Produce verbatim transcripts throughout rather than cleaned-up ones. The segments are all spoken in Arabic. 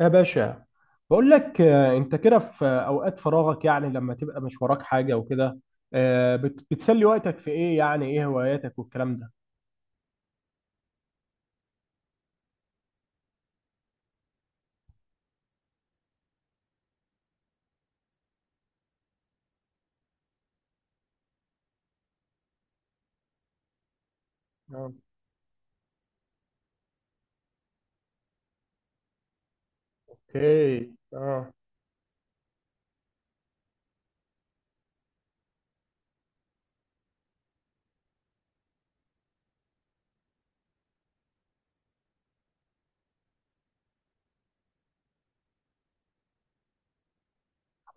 يا باشا بقول لك آه، انت كده في آه، اوقات فراغك، يعني لما تبقى مش وراك حاجه وكده، آه، بت- بتسلي وقتك في ايه؟ يعني ايه هواياتك والكلام ده؟ اه. اوكي. اه.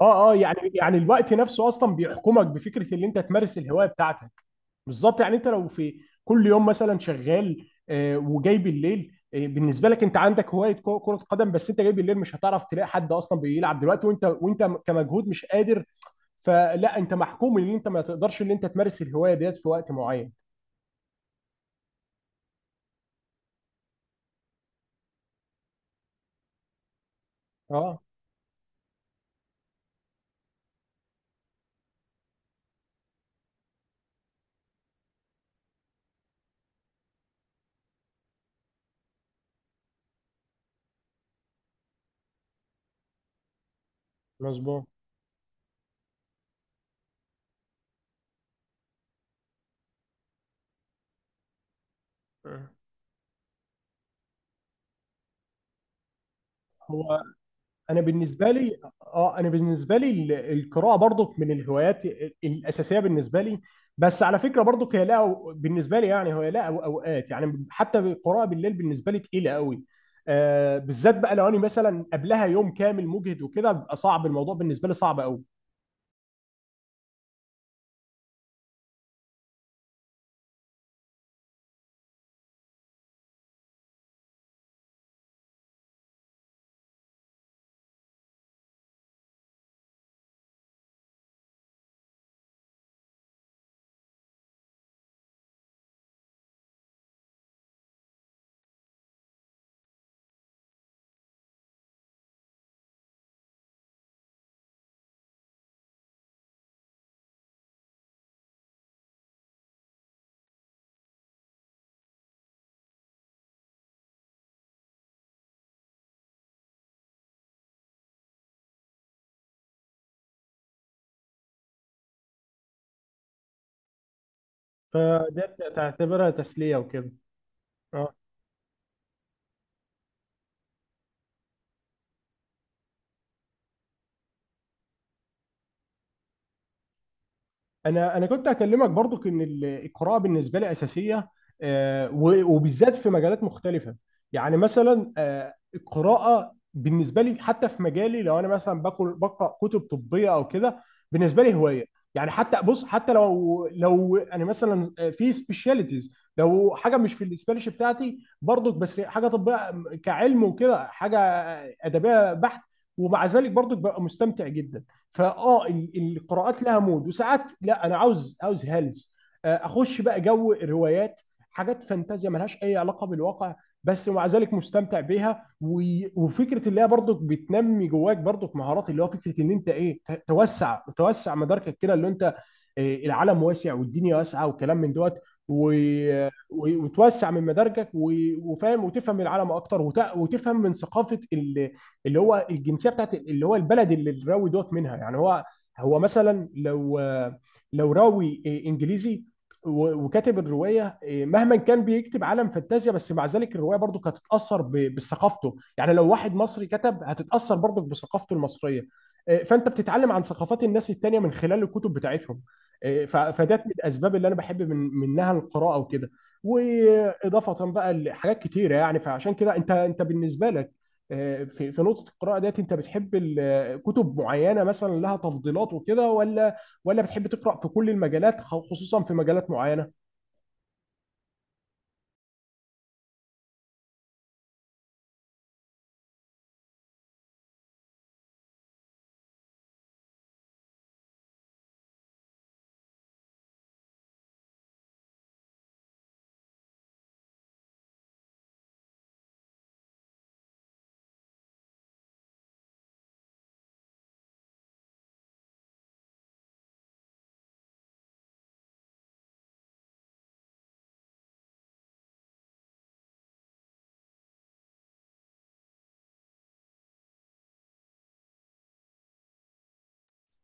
اه. اه. يعني يعني الوقت نفسه اصلا بيحكمك بفكره اللي انت تمارس الهوايه بتاعتك. بالظبط، يعني انت لو في كل يوم مثلا شغال، آه، وجاي بالليل، آه، بالنسبه لك انت عندك هوايه كو- كره قدم، بس انت جاي بالليل مش هتعرف تلاقي حد اصلا بيلعب دلوقتي، وانت وانت كمجهود مش قادر. فلا انت محكوم ان انت ما تقدرش ان انت تمارس الهوايه ديت في وقت معين. اه، مظبوط. مم. هو انا بالنسبه لي اه، انا بالنسبه لي ال- القراءه برضك من الهوايات ال- الاساسيه بالنسبه لي. بس على فكره برضك هي لا، بالنسبه لي يعني هي لا، أو- اوقات يعني حتى القراءه بالليل بالنسبه لي تقيله قوي. آه، بالذات بقى لو انا مثلا قبلها يوم كامل مجهد وكده، بيبقى صعب الموضوع بالنسبه لي، صعب قوي. فده تعتبرها تسليه وكده. انا انا كنت هكلمك برضو ان ال- القراءه بالنسبه لي اساسيه، آه، و- وبالذات في مجالات مختلفه. يعني مثلا، آه، القراءه بالنسبه لي حتى في مجالي، لو انا مثلا باكل بقرا كتب طبيه او كده، بالنسبه لي هوايه. يعني حتى بص، حتى لو لو انا مثلا، آه، في سبيشاليتيز، لو حاجه مش في السبيشاليتي بتاعتي برضك، بس حاجه طبيه كعلم وكده، حاجه آه، ادبيه بحت، ومع ذلك برضك ببقى مستمتع جدا. فاه ال- القراءات لها مود، وساعات لا، انا عاوز عاوز هلس، آه، اخش بقى جو الروايات، حاجات فانتازيا ملهاش اي علاقه بالواقع، بس ومع ذلك مستمتع بيها. و- وفكره اللي هي برضك بتنمي جواك برضك مهارات، اللي هو فكره ان انت ايه، ت- توسع توسع مداركك كده، اللي انت، آه، العالم واسع والدنيا واسعه وكلام من دوت، و- و- وتوسع من مداركك، و- وفاهم، وتفهم العالم اكتر، وت- وتفهم من ثقافه ال اللي هو الجنسيه بتاعت اللي هو البلد اللي الراوي دوت منها. يعني هو، هو مثلا لو، لو راوي انجليزي و- وكاتب الروايه إيه، مهما كان بيكتب عالم فانتازيا، بس مع ذلك الروايه برضو هتتاثر ب- بثقافته. يعني لو واحد مصري كتب، هتتاثر برضو بثقافته المصريه. إيه، فانت بتتعلم عن ثقافات الناس التانيه من خلال الكتب بتاعتهم. إيه، ف- فده من الاسباب اللي انا بحب من منها القراءه وكده، واضافه بقى لحاجات كتيره. يعني فعشان كده انت، انت بالنسبه لك في في نقطة القراءة ديت، انت بتحب ال- كتب معينة مثلا لها تفضيلات وكده، ولا ولا بتحب تقرأ في كل المجالات، خ- خصوصا في مجالات معينة؟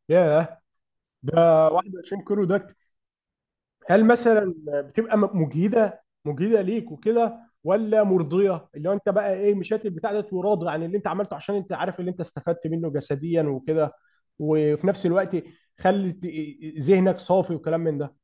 ياه، ده واحد وعشرين كيلو ده؟ هل مثلا بتبقى م- مجهدة مجهدة ليك وكده، ولا مرضية، اللي هو انت بقى ايه مشات البتاع ده وراضي عن اللي انت عملته، عشان انت عارف اللي انت استفدت منه جسديا وكده، وفي نفس الوقت خلت ذهنك صافي وكلام من ده.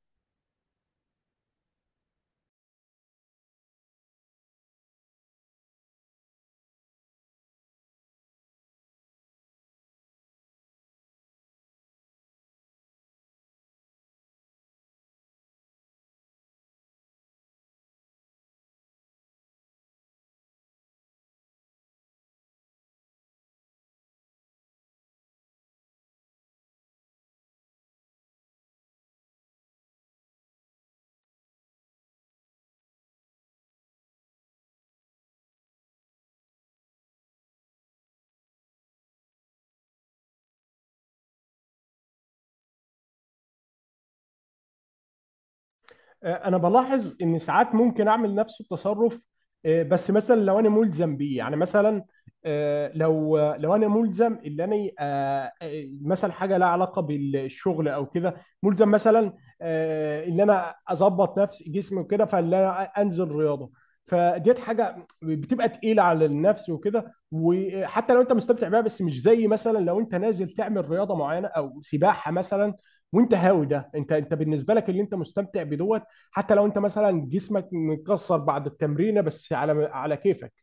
آه، انا بلاحظ ان ساعات ممكن اعمل نفس التصرف، آه، بس مثلا لو انا ملزم بيه. يعني مثلا، آه، لو لو انا ملزم ان انا، آه، آه، مثلا حاجه لها علاقه بالشغل او كده، ملزم مثلا، آه، ان انا اظبط نفسي جسمي وكده، فان انا انزل رياضه. فديت حاجه بتبقى تقيله على النفس وكده، وحتى لو انت مستمتع بيها، بس مش زي مثلا لو انت نازل تعمل رياضه معينه او سباحه مثلا وانت هاوي ده. انت انت بالنسبه لك اللي انت مستمتع بدوت، حتى لو انت مثلا جسمك متكسر بعد التمرينه، بس على على كيفك.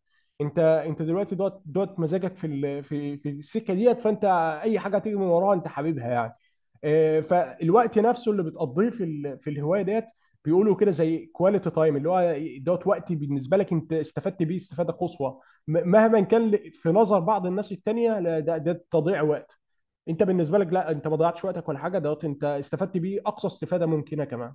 انت انت دلوقتي دوت دوت مزاجك في ال- في في السكه ديت، فانت اي حاجه تيجي من وراها انت حبيبها يعني. آه، فالوقت نفسه اللي بتقضيه في ال- في الهوايه ديت، بيقولوا كده زي كواليتي تايم، اللي هو دوت وقت بالنسبه لك انت استفدت بيه استفاده قصوى، م- مهما كان ل- في نظر بعض الناس التانيه، لا، ده ده تضييع وقت. انت بالنسبه لك لا، انت ما ضيعتش وقتك ولا حاجه، دوت انت استفدت بيه اقصى استفاده ممكنه كمان.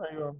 ايوه.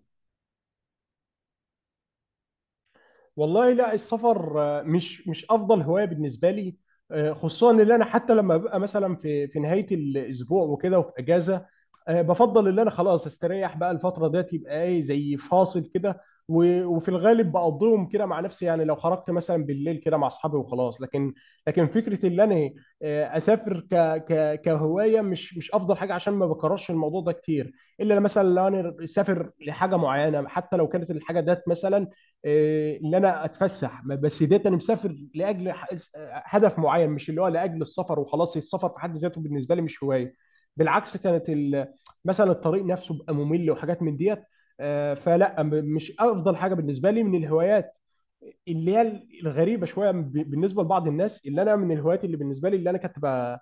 والله لا، السفر، آه، مش مش افضل هوايه بالنسبه لي. آه، خصوصا ان انا حتى لما ببقى مثلا في في نهايه الاسبوع وكده وفي اجازه، آه، بفضل ان انا خلاص استريح بقى الفتره ديت، يبقى ايه زي فاصل كده. و- وفي الغالب بقضيهم كده مع نفسي، يعني لو خرجت مثلا بالليل كده مع اصحابي وخلاص. لكن، لكن فكره ان انا، آه، اسافر ك ك كهوايه، مش مش افضل حاجه، عشان ما بكررش الموضوع ده كتير، الا مثلا لو انا اسافر لحاجه معينه. حتى لو كانت الحاجه ديت مثلا إيه، ان انا اتفسح، ما- بس ديت انا مسافر لاجل ح- هدف معين، مش اللي هو لاجل السفر وخلاص. السفر في حد ذاته بالنسبه لي مش هوايه، بالعكس كانت ال- مثلا الطريق نفسه بقى ممل وحاجات من ديت. آه، فلا م- مش افضل حاجه بالنسبه لي من الهوايات. اللي هي الغريبه شويه ب- بالنسبه لبعض الناس، اللي انا من الهوايات اللي بالنسبه لي، اللي انا كنت ب-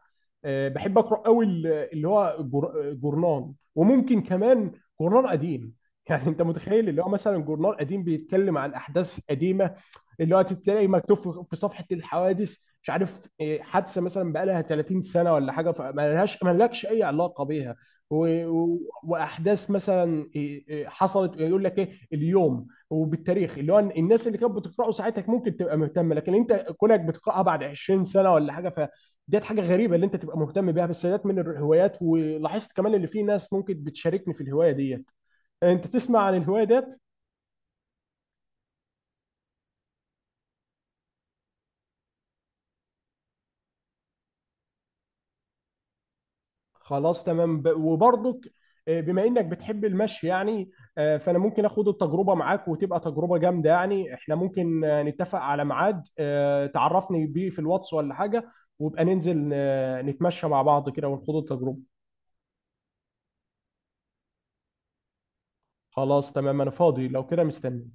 آه، بحب اقرا قوي، اللي هو جر- جورنان، وممكن كمان جورنان قديم. يعني انت متخيل اللي هو مثلا جورنال قديم بيتكلم عن احداث قديمه، اللي هو تلاقي مكتوب في في صفحه الحوادث، مش عارف إيه، حادثه مثلا بقى لها ثلاثين سنه ولا حاجه، فما لهاش ما لكش اي علاقه بيها. و... و... واحداث مثلا إيه، إيه، حصلت، يقول لك ايه اليوم وبالتاريخ، اللي هو الناس اللي كانت بتقراه ساعتها ممكن تبقى مهتمه، لكن انت كونك بتقراها بعد عشرين سنه ولا حاجه، ف ديت حاجه غريبه اللي انت تبقى مهتم بيها. بس ديت من الهوايات، ولاحظت كمان اللي في ناس ممكن بتشاركني في الهوايه ديت. انت تسمع عن الهوايه ديت؟ خلاص تمام. ب- وبرضك، آه، بما انك بتحب المشي يعني، آه، فانا ممكن اخد التجربه معاك وتبقى تجربه جامده. يعني احنا ممكن، آه، نتفق على ميعاد، آه، تعرفني بيه في الواتس ولا حاجه، وابقى ننزل، آه، نتمشى مع بعض كده ونخوض التجربه. خلاص تمام، انا فاضي، لو كده مستني.